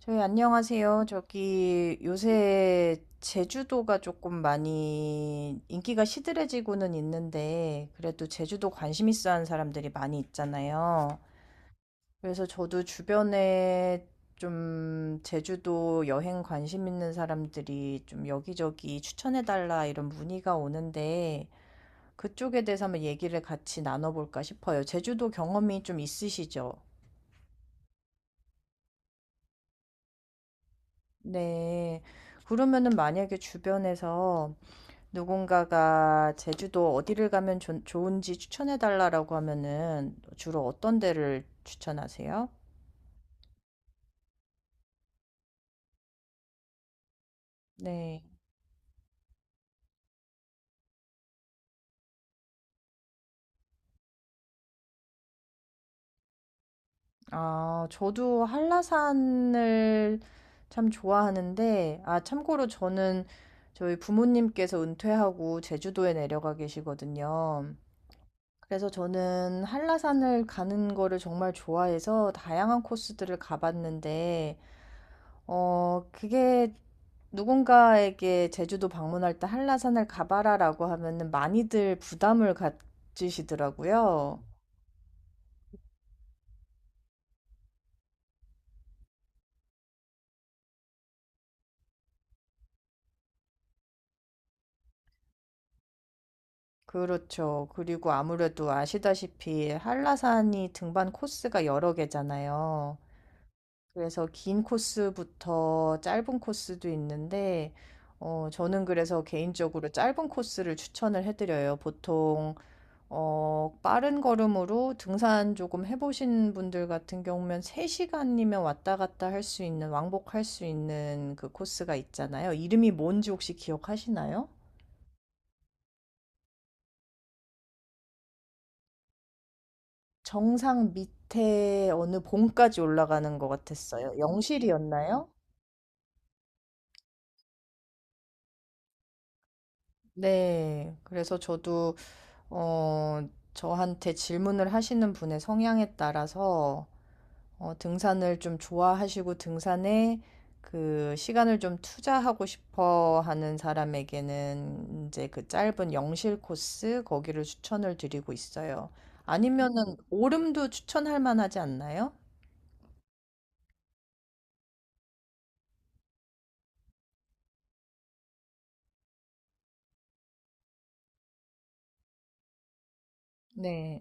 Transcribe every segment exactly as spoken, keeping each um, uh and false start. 저희 안녕하세요. 저기 요새 제주도가 조금 많이 인기가 시들해지고는 있는데 그래도 제주도 관심 있어 하는 사람들이 많이 있잖아요. 그래서 저도 주변에 좀 제주도 여행 관심 있는 사람들이 좀 여기저기 추천해달라 이런 문의가 오는데 그쪽에 대해서 한번 얘기를 같이 나눠볼까 싶어요. 제주도 경험이 좀 있으시죠? 네. 그러면은 만약에 주변에서 누군가가 제주도 어디를 가면 좋- 좋은지 추천해달라라고 하면은 주로 어떤 데를 추천하세요? 네. 아, 저도 한라산을 참 좋아하는데, 아, 참고로 저는 저희 부모님께서 은퇴하고 제주도에 내려가 계시거든요. 그래서 저는 한라산을 가는 거를 정말 좋아해서 다양한 코스들을 가봤는데, 어, 그게 누군가에게 제주도 방문할 때 한라산을 가봐라라고 하면은 많이들 부담을 가지시더라고요. 그렇죠. 그리고 아무래도 아시다시피 한라산이 등반 코스가 여러 개잖아요. 그래서 긴 코스부터 짧은 코스도 있는데, 어, 저는 그래서 개인적으로 짧은 코스를 추천을 해드려요. 보통 어, 빠른 걸음으로 등산 조금 해보신 분들 같은 경우면 세 시간이면 왔다 갔다 할 수 있는, 왕복할 수 있는 그 코스가 있잖아요. 이름이 뭔지 혹시 기억하시나요? 정상 밑에 어느 봉까지 올라가는 것 같았어요. 영실이었나요? 네. 그래서 저도, 어, 저한테 질문을 하시는 분의 성향에 따라서 어, 등산을 좀 좋아하시고 등산에 그 시간을 좀 투자하고 싶어 하는 사람에게는 이제 그 짧은 영실 코스 거기를 추천을 드리고 있어요. 아니면은 오름도 추천할 만하지 않나요? 네,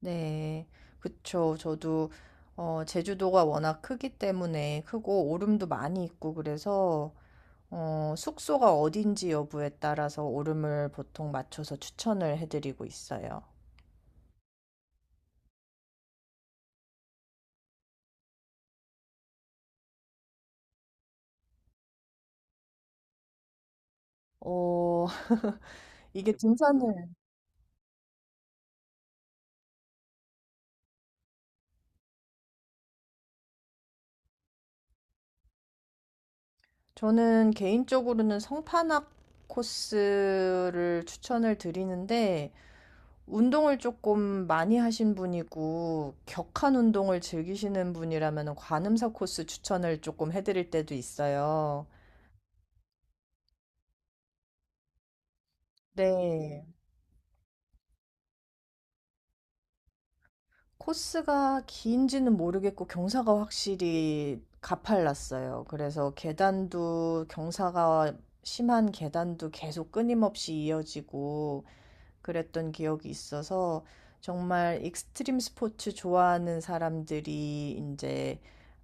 네, 그쵸. 저도 어, 제주도가 워낙 크기 때문에 크고 오름도 많이 있고 그래서 어, 숙소가 어딘지 여부에 따라서 오름을 보통 맞춰서 추천을 해드리고 있어요. 어, 이게 등산을 저는 개인적으로는 성판악 코스를 추천을 드리는데 운동을 조금 많이 하신 분이고 격한 운동을 즐기시는 분이라면 관음사 코스 추천을 조금 해드릴 때도 있어요. 네. 코스가 긴지는 모르겠고 경사가 확실히 가팔랐어요. 그래서 계단도 경사가 심한 계단도 계속 끊임없이 이어지고 그랬던 기억이 있어서 정말 익스트림 스포츠 좋아하는 사람들이 이제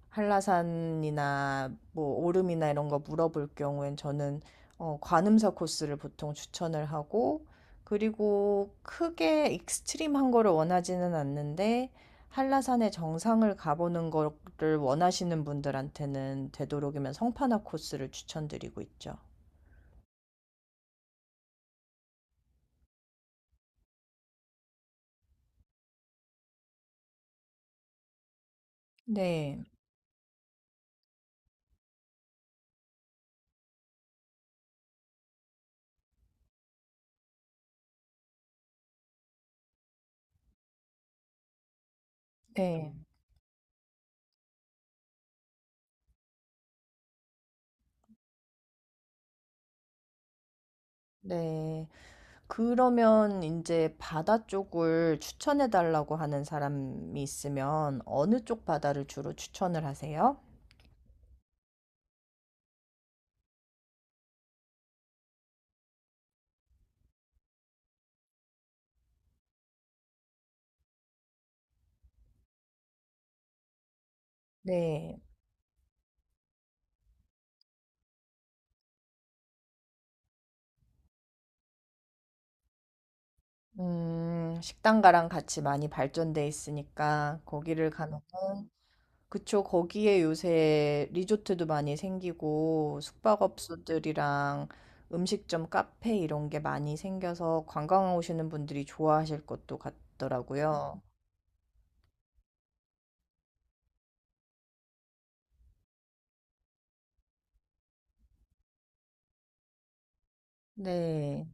한라산이나 뭐 오름이나 이런 거 물어볼 경우엔 저는 어, 관음사 코스를 보통 추천을 하고 그리고 크게 익스트림한 거를 원하지는 않는데 한라산의 정상을 가보는 거를 원하시는 분들한테는 되도록이면 성판화 코스를 추천드리고 있죠. 네, 네, 네. 그러면 이제 바다 쪽을 추천해 달라고 하는 사람이 있으면 어느 쪽 바다를 주로 추천을 하세요? 네. 음 식당가랑 같이 많이 발전돼 있으니까 거기를 가면은 그쵸. 거기에 요새 리조트도 많이 생기고 숙박업소들이랑 음식점, 카페 이런 게 많이 생겨서 관광 오시는 분들이 좋아하실 것도 같더라고요. 네.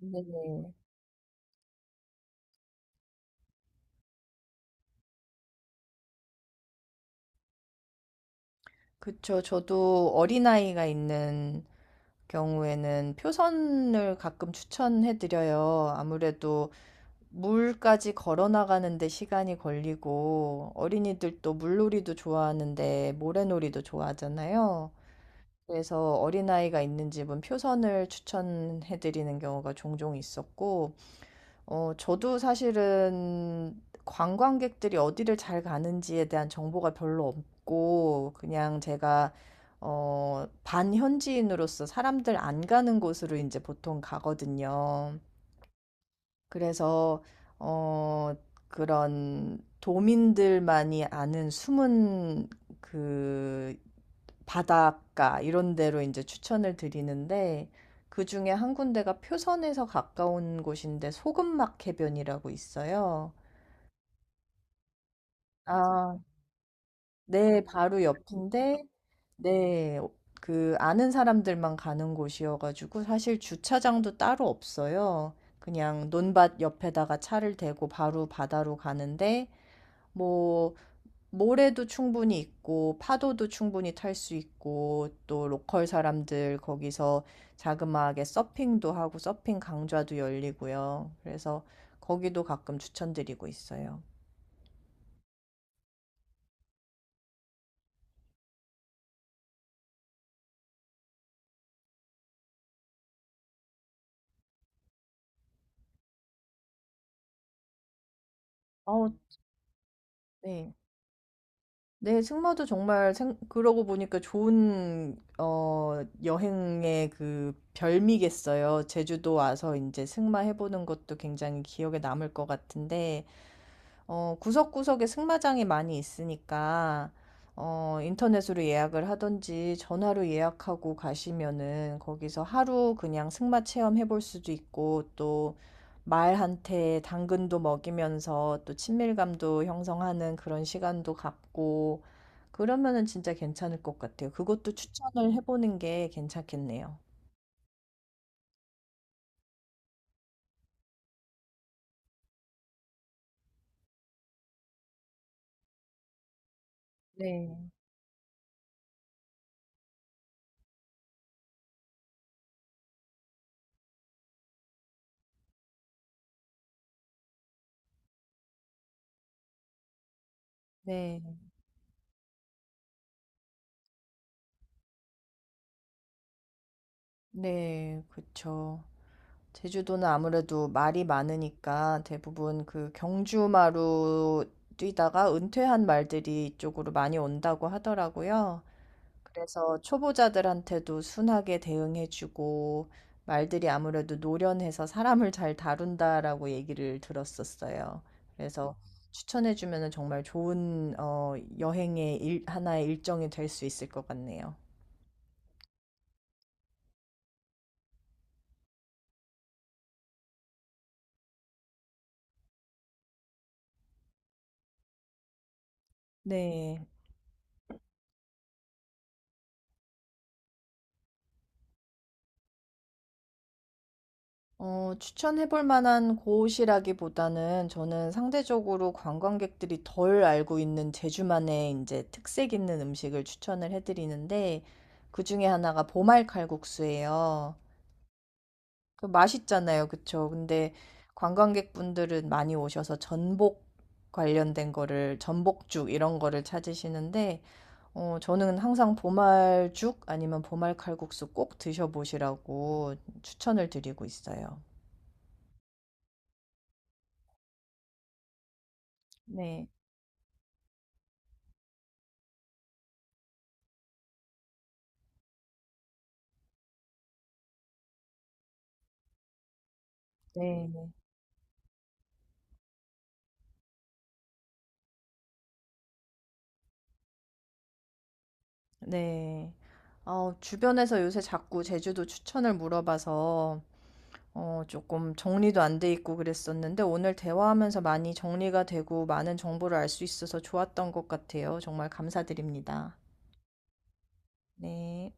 네. 그쵸. 저도 어린아이가 있는 경우에는 표선을 가끔 추천해드려요. 아무래도 물까지 걸어 나가는데 시간이 걸리고 어린이들도 물놀이도 좋아하는데 모래놀이도 좋아하잖아요. 그래서 어린아이가 있는 집은 표선을 추천해드리는 경우가 종종 있었고 어, 저도 사실은 관광객들이 어디를 잘 가는지에 대한 정보가 별로 없고, 그냥 제가, 어, 반현지인으로서 사람들 안 가는 곳으로 이제 보통 가거든요. 그래서 어 그런 도민들만이 아는 숨은 그 바닷가 이런 데로 이제 추천을 드리는데 그 중에 한 군데가 표선에서 가까운 곳인데 소금막 해변이라고 있어요. 아, 네, 바로 옆인데, 네, 그 아는 사람들만 가는 곳이어가지고 사실 주차장도 따로 없어요. 그냥 논밭 옆에다가 차를 대고 바로 바다로 가는데, 뭐, 모래도 충분히 있고, 파도도 충분히 탈 수 있고, 또 로컬 사람들 거기서 자그마하게 서핑도 하고, 서핑 강좌도 열리고요. 그래서 거기도 가끔 추천드리고 있어요. 어, 네. 승마도 정말 생 그러고 보니까 좋은 어 여행의 그 별미겠어요. 제주도 와서 이제 승마 해 보는 것도 굉장히 기억에 남을 것 같은데 어, 구석구석에 승마장이 많이 있으니까, 어, 인터넷으로 예약을 하든지 전화로 예약하고 가시면은 거기서 하루 그냥 승마 체험해 볼 수도 있고, 또 말한테 당근도 먹이면서 또 친밀감도 형성하는 그런 시간도 갖고, 그러면은 진짜 괜찮을 것 같아요. 그것도 추천을 해보는 게 괜찮겠네요. 네. 네, 네, 그쵸. 제주도는 아무래도 말이 많으니까 대부분 그 경주마로 뛰다가 은퇴한 말들이 이쪽으로 많이 온다고 하더라고요. 그래서 초보자들한테도 순하게 대응해주고 말들이 아무래도 노련해서 사람을 잘 다룬다라고 얘기를 들었었어요. 그래서 추천해주면 정말 좋은 어, 여행의 일- 하나의 일정이 될 수 있을 것 같네요. 네. 어, 추천해 볼 만한 곳이라기보다는 저는 상대적으로 관광객들이 덜 알고 있는 제주만의 이제 특색 있는 음식을 추천을 해 드리는데 그 중에 하나가 보말 칼국수예요. 그 맛있잖아요. 그쵸? 근데 관광객분들은 많이 오셔서 전복 관련된 거를 전복죽 이런 거를 찾으시는데 어, 저는 항상 보말죽 아니면 보말 칼국수 꼭 드셔보시라고 추천을 드리고 있어요. 네. 네. 네. 어, 주변에서 요새 자꾸 제주도 추천을 물어봐서 어, 조금 정리도 안 돼 있고 그랬었는데 오늘 대화하면서 많이 정리가 되고 많은 정보를 알 수 있어서 좋았던 것 같아요. 정말 감사드립니다. 네.